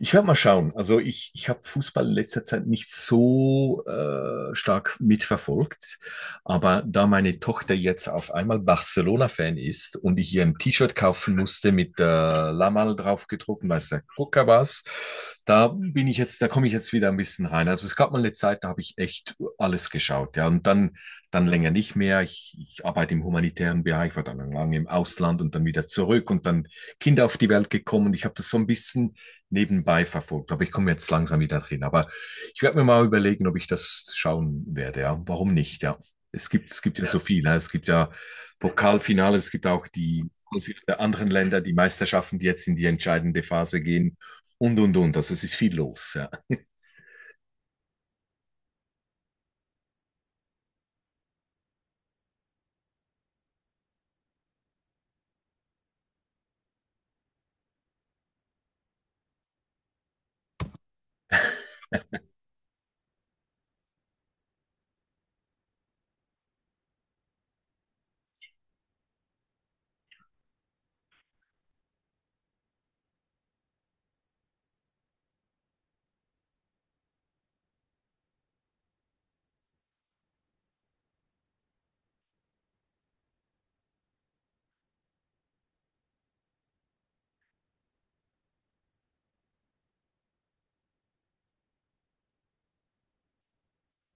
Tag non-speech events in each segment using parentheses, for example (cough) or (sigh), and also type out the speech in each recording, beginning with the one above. Ich werde mal schauen. Also ich habe Fußball in letzter Zeit nicht so stark mitverfolgt, aber da meine Tochter jetzt auf einmal Barcelona-Fan ist und ich ihr ein T-Shirt kaufen musste mit Lamal drauf gedruckt, weiß der Gucker was. Da da komme ich jetzt wieder ein bisschen rein. Also es gab mal eine Zeit, da habe ich echt alles geschaut, ja, und dann länger nicht mehr. Ich arbeite im humanitären Bereich, war dann lange im Ausland und dann wieder zurück und dann Kinder auf die Welt gekommen. Ich habe das so ein bisschen nebenbei verfolgt. Aber ich komme jetzt langsam wieder drin. Aber ich werde mir mal überlegen, ob ich das schauen werde. Ja. Warum nicht? Ja. Es gibt ja. Ja. So. Ja. Viel. Ja. Es gibt ja Pokalfinale, es gibt auch die der anderen Länder, die Meisterschaften, die jetzt in die entscheidende Phase gehen, und, und. Also es ist viel los. Ja.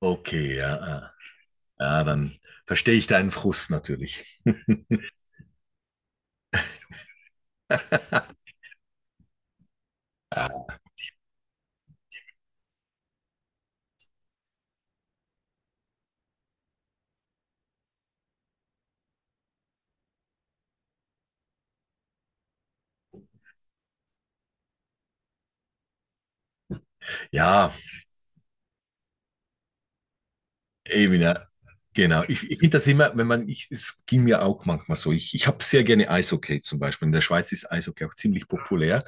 Okay, ja, ja. Ja, dann verstehe ich deinen Frust natürlich. (laughs) Ja, eben, ja. Genau. Ich finde das immer, wenn man, ich, es ging mir auch manchmal so. Ich habe sehr gerne Eishockey zum Beispiel. In der Schweiz ist Eishockey auch ziemlich populär.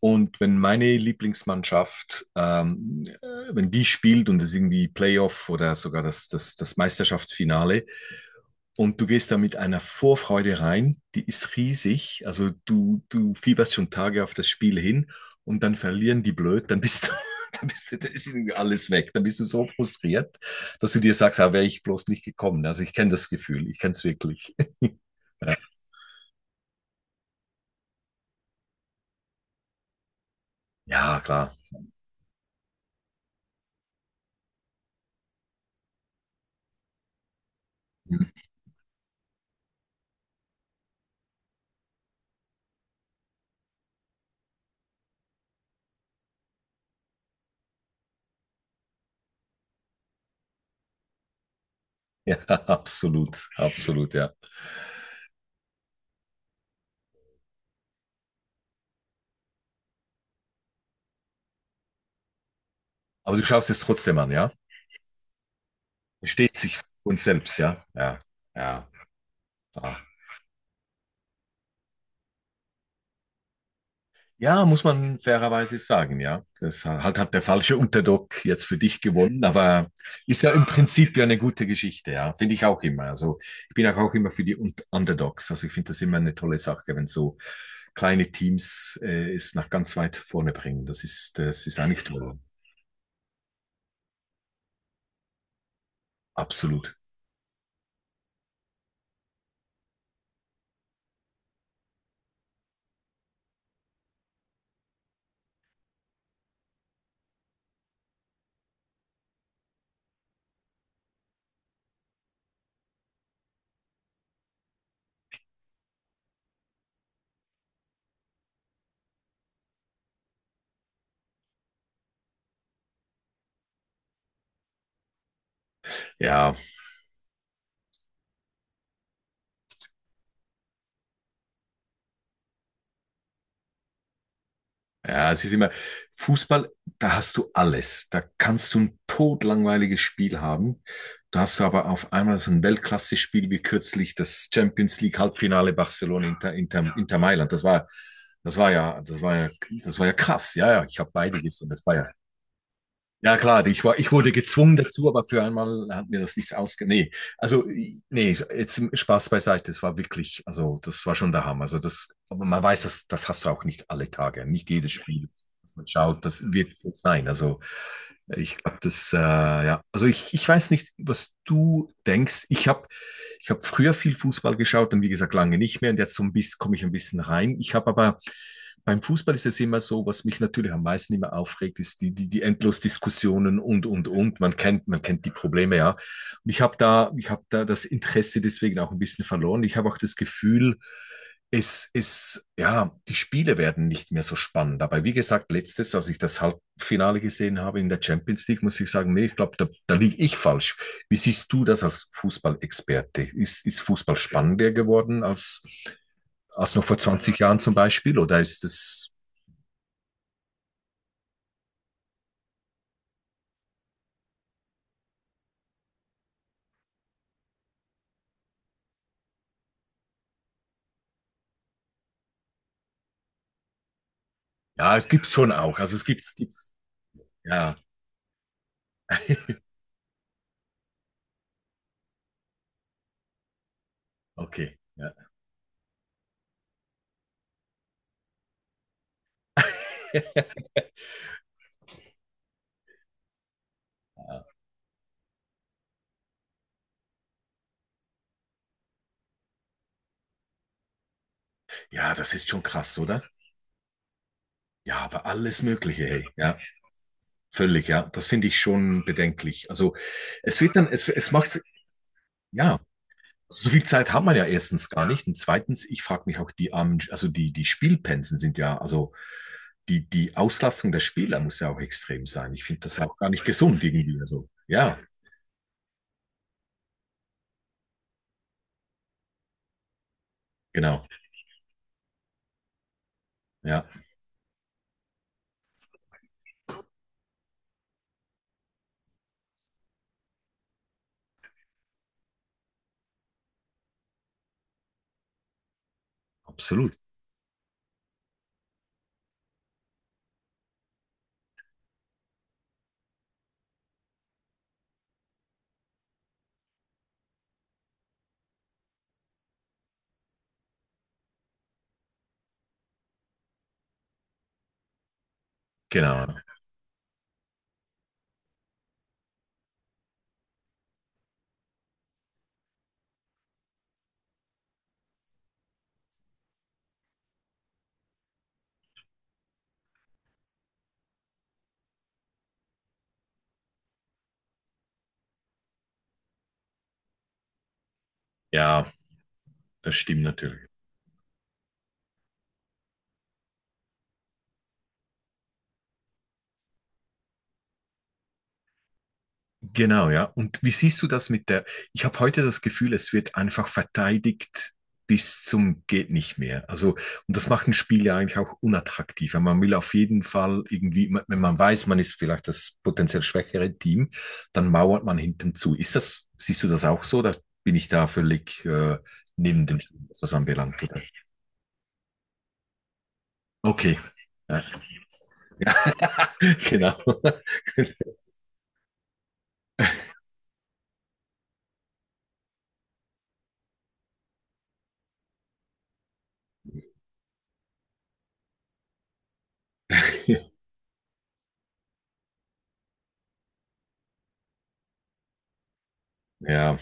Und wenn meine Lieblingsmannschaft, wenn die spielt und es irgendwie Playoff oder sogar das Meisterschaftsfinale, und du gehst da mit einer Vorfreude rein, die ist riesig. Also du fieberst schon Tage auf das Spiel hin, und dann verlieren die blöd, dann bist du, (laughs) dann bist du, dann ist irgendwie alles weg. Dann bist du so frustriert, dass du dir sagst, ah, wäre ich bloß nicht gekommen. Also ich kenne das Gefühl, ich kenne es wirklich. (laughs) Ja, klar. Hm. Ja, (laughs) absolut, absolut, ja. Aber du schaust es trotzdem an, ja? Versteht sich von selbst, ja? Ja, ja. Ah. Ja, muss man fairerweise sagen, ja. Das halt hat der falsche Underdog jetzt für dich gewonnen, aber ist ja im Prinzip ja eine gute Geschichte, ja. Finde ich auch immer. Also ich bin auch immer für die Underdogs. Also ich finde das immer eine tolle Sache, wenn so kleine Teams es nach ganz weit vorne bringen. Das ist das eigentlich so toll. Absolut. Ja. Ja, es ist immer, Fußball, da hast du alles. Da kannst du ein todlangweiliges Spiel haben. Da hast du aber auf einmal so ein Weltklasse-Spiel wie kürzlich das Champions League Halbfinale Barcelona Inter, Inter Mailand. Das war ja, das war ja, das war ja krass. Ja, ja, ich habe beide gesehen. Das war ja ja, klar, ich wurde gezwungen dazu, aber für einmal hat mir das nicht ausge... Nee, also, nee, jetzt Spaß beiseite, das war wirklich, also, das war schon der Hammer. Also, das, aber man weiß, das, das hast du auch nicht alle Tage, nicht jedes Spiel, das man schaut, das wird so sein. Also, ich glaube, das, ja, also ich weiß nicht, was du denkst. Ich habe früher viel Fußball geschaut, und wie gesagt lange nicht mehr, und jetzt so ein bisschen komme ich ein bisschen rein. Ich habe aber beim Fußball ist es immer so, was mich natürlich am meisten immer aufregt, ist die Endlos-Diskussionen und, und. Man kennt die Probleme, ja. Und ich habe da das Interesse deswegen auch ein bisschen verloren. Ich habe auch das Gefühl, die Spiele werden nicht mehr so spannend. Aber wie gesagt, letztes, als ich das Halbfinale gesehen habe in der Champions League, muss ich sagen, nee, ich glaube, da liege ich falsch. Wie siehst du das als Fußballexperte? Ist Fußball spannender geworden als, noch vor 20 Jahren zum Beispiel? Oder ist es, ja, es gibt's schon auch. Also es gibt's, gibt's, ja, okay. Ja. (laughs) Ja, das ist schon krass, oder? Ja, aber alles Mögliche, hey. Ja, völlig, ja. Das finde ich schon bedenklich. Also es wird dann, es macht, ja. Also so viel Zeit hat man ja erstens gar nicht. Und zweitens, ich frage mich auch, die armen, also die Spielpensen sind ja, also die Auslastung der Spieler muss ja auch extrem sein. Ich finde das ja auch gar nicht gesund irgendwie. Also, ja, genau. Ja, absolut. Genau. Ja, das stimmt natürlich. Genau, ja. Und wie siehst du das mit der, ich habe heute das Gefühl, es wird einfach verteidigt bis zum geht nicht mehr. Also, und das macht ein Spiel ja eigentlich auch unattraktiver. Man will auf jeden Fall irgendwie, wenn man weiß, man ist vielleicht das potenziell schwächere Team, dann mauert man hinten zu. Siehst du das auch so? Da bin ich da völlig neben den Schuhen, was das anbelangt. Oder? Okay. Ja. (laughs) Ja. (laughs) Genau. (laughs) Ja,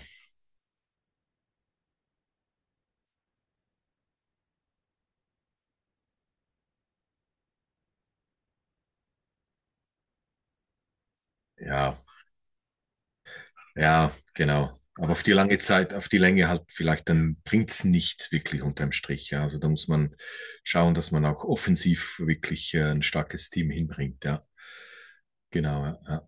ja. Ja, genau. Aber auf die lange Zeit, auf die Länge halt vielleicht, dann bringt's nicht wirklich unterm Strich. Ja. Also da muss man schauen, dass man auch offensiv wirklich ein starkes Team hinbringt. Ja, genau. Ja, ja.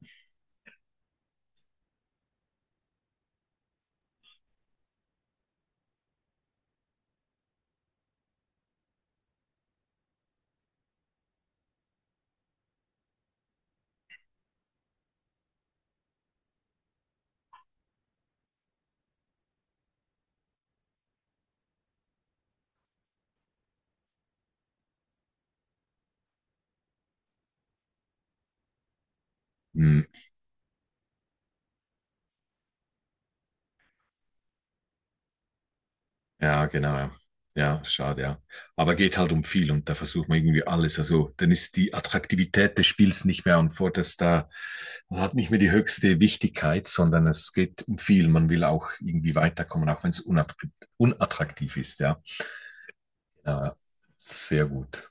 Hm, ja, genau. Ja. Ja, schade, ja. Aber geht halt um viel, und da versucht man irgendwie alles. Also dann ist die Attraktivität des Spiels nicht mehr an vorderster, also hat nicht mehr die höchste Wichtigkeit, sondern es geht um viel. Man will auch irgendwie weiterkommen, auch wenn es unattraktiv ist. Ja. Ja, sehr gut.